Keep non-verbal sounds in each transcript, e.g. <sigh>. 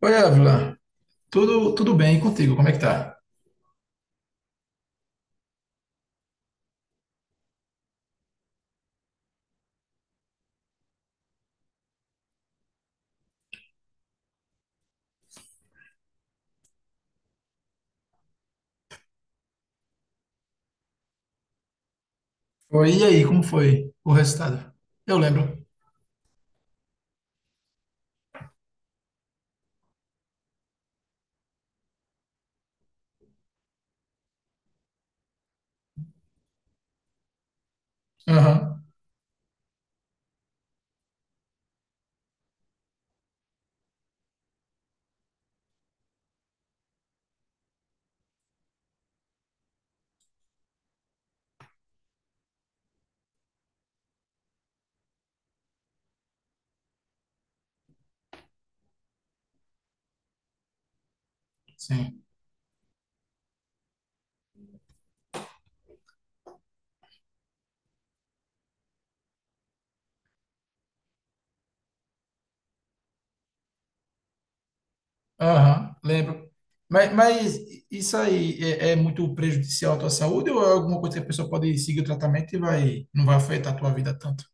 Oi, Ávila. Tudo, bem e contigo? Como é que tá? Foi, e aí, como foi o resultado? Eu lembro. Aham, sim. Aham, lembro. Mas isso aí é muito prejudicial à tua saúde ou é alguma coisa que a pessoa pode seguir o tratamento e vai, não vai afetar a tua vida tanto?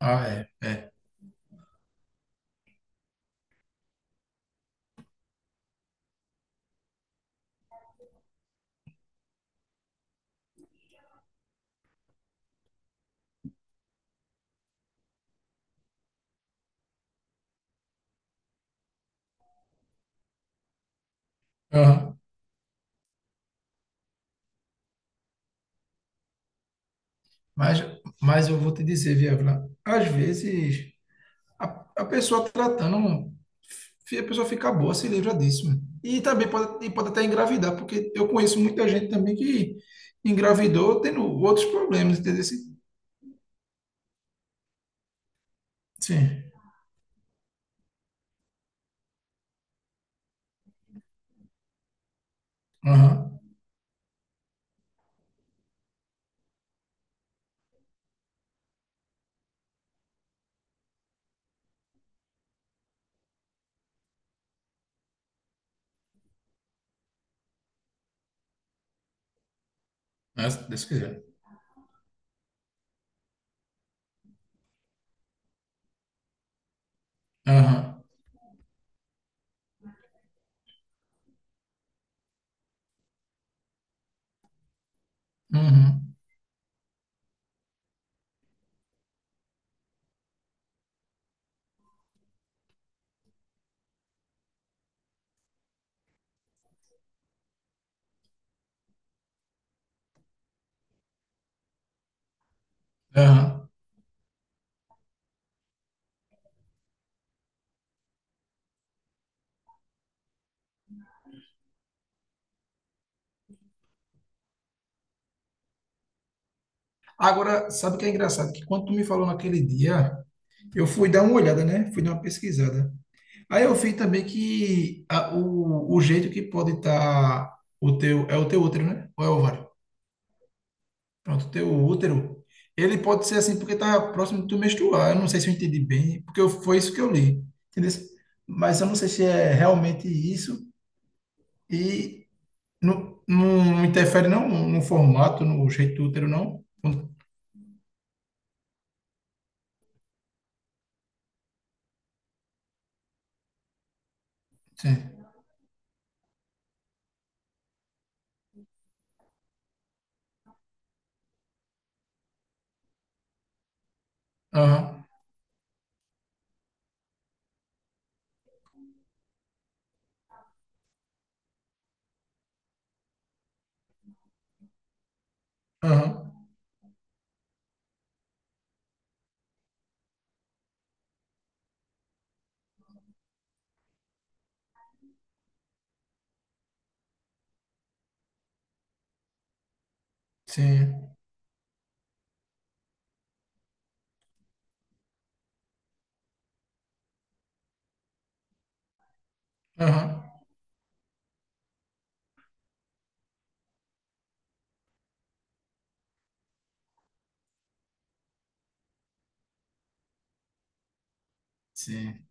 Ah, é, é. Aham. Mas, mas eu vou te dizer, viu, Ávila, às vezes A, a pessoa tratando, a pessoa fica boa, se livra disso, mano. E também pode, e pode até engravidar, porque eu conheço muita gente também que engravidou tendo outros problemas, entendeu? Sim. Sim. Aham. Mas, se Deus quiser. Aham. Uhum. Aham. Agora, sabe o que é engraçado? Que quando tu me falou naquele dia, eu fui dar uma olhada, né? Fui dar uma pesquisada. Aí eu vi também que o jeito que pode estar o teu, é o teu útero, né? Ou é o ovário? Pronto, teu útero, ele pode ser assim porque tá próximo do teu menstruar. Eu não sei se eu entendi bem, porque foi isso que eu li, entendeu? Mas eu não sei se é realmente isso e não, não interfere não no formato, no jeito do útero, não. Sim. Aham, aham, sim, aham, sim.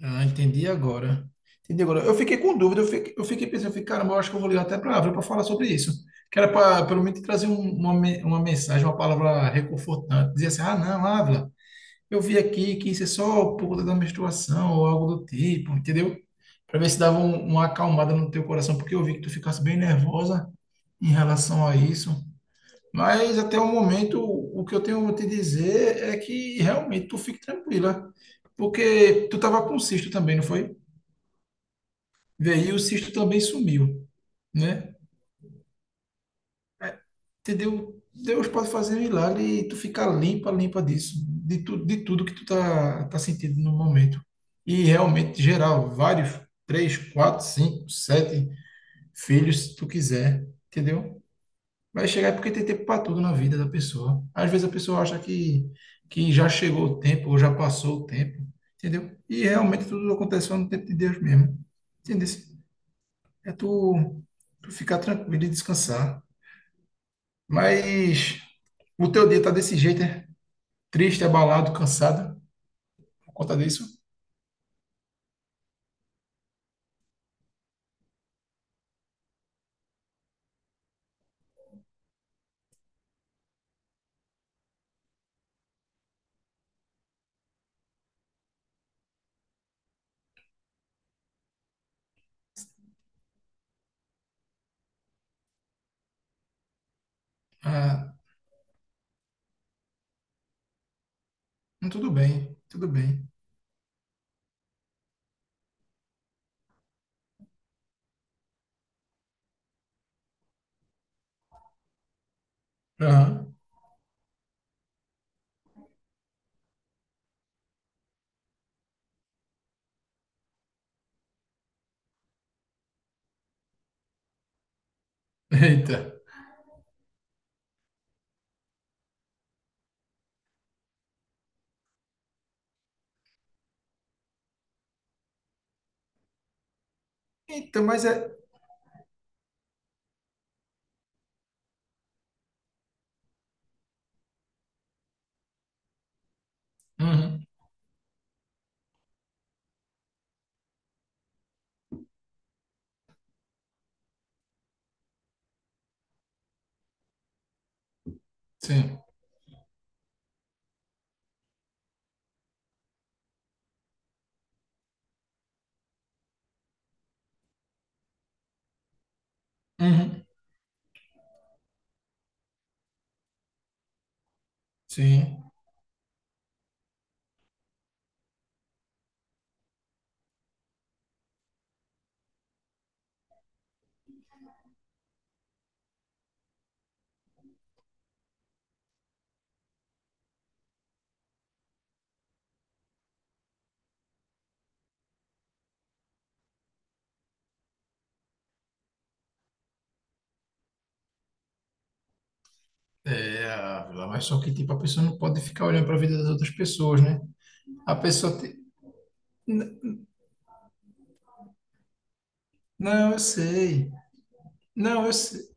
Ah, entendi agora. Entendi agora. Eu fiquei com dúvida, eu fiquei pensando, eu fiquei, caramba, eu acho que eu vou ligar até para a Ávila para falar sobre isso. Que era para, pelo menos, trazer uma, uma mensagem, uma palavra reconfortante. Dizer assim, ah, não, Ávila, eu vi aqui que isso é só por conta da menstruação ou algo do tipo, entendeu? Para ver se dava uma acalmada no teu coração, porque eu vi que tu ficasse bem nervosa em relação a isso. Mas até o momento, o que eu tenho a te dizer é que realmente tu fique tranquila. Porque tu estava com um cisto também, não foi? Veio, e o cisto também sumiu, né? É, entendeu? Deus pode fazer um milagre e tu ficar limpa, limpa disso, de, tu, de tudo que tu tá sentindo no momento. E realmente, geral, vários, três, quatro, cinco, sete filhos, se tu quiser, entendeu? Vai chegar é porque tem tempo para tudo na vida da pessoa. Às vezes a pessoa acha que já chegou o tempo, ou já passou o tempo, entendeu? E realmente tudo acontece só no tempo de Deus mesmo, entendeu? É tu, tu ficar tranquilo e descansar. Mas o teu dia tá desse jeito, né? Triste, abalado, cansado por conta disso? Ah, tudo bem, tudo bem. Aham. <laughs> Eita. Então, mas é. Uhum, sim. Uhum, sim. É, ah, mas só que tipo, a pessoa não pode ficar olhando para a vida das outras pessoas, né? A pessoa tem. N- Não, eu sei. Não, eu sei.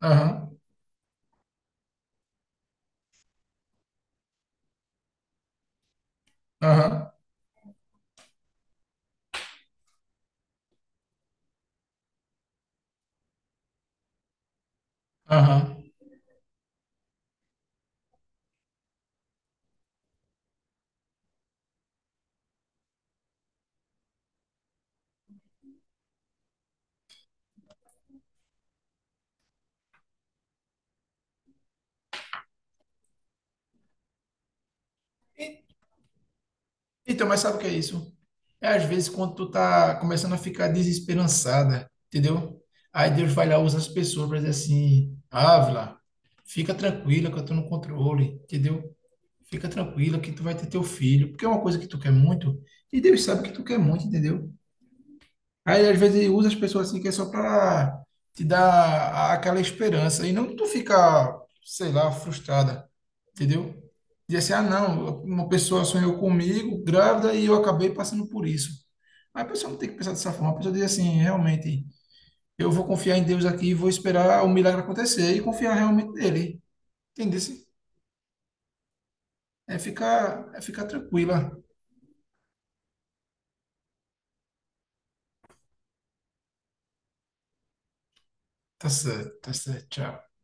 Aham, aham, aham. Então, mas sabe o que é isso? É às vezes quando tu tá começando a ficar desesperançada, entendeu? Aí Deus vai lá, usa as pessoas para dizer assim, Ávila, fica tranquila que eu tô no controle, entendeu? Fica tranquila que tu vai ter teu filho, porque é uma coisa que tu quer muito, e Deus sabe que tu quer muito, entendeu? Aí às vezes ele usa as pessoas assim que é só para te dar aquela esperança, e não tu ficar, sei lá, frustrada, entendeu? E assim, ah, não, uma pessoa sonhou comigo, grávida, e eu acabei passando por isso. Aí a pessoa não tem que pensar dessa forma, a pessoa diz assim, realmente, eu vou confiar em Deus aqui, vou esperar o milagre acontecer e confiar realmente nele, entendeu? É ficar tranquila. Tá certo, tchau.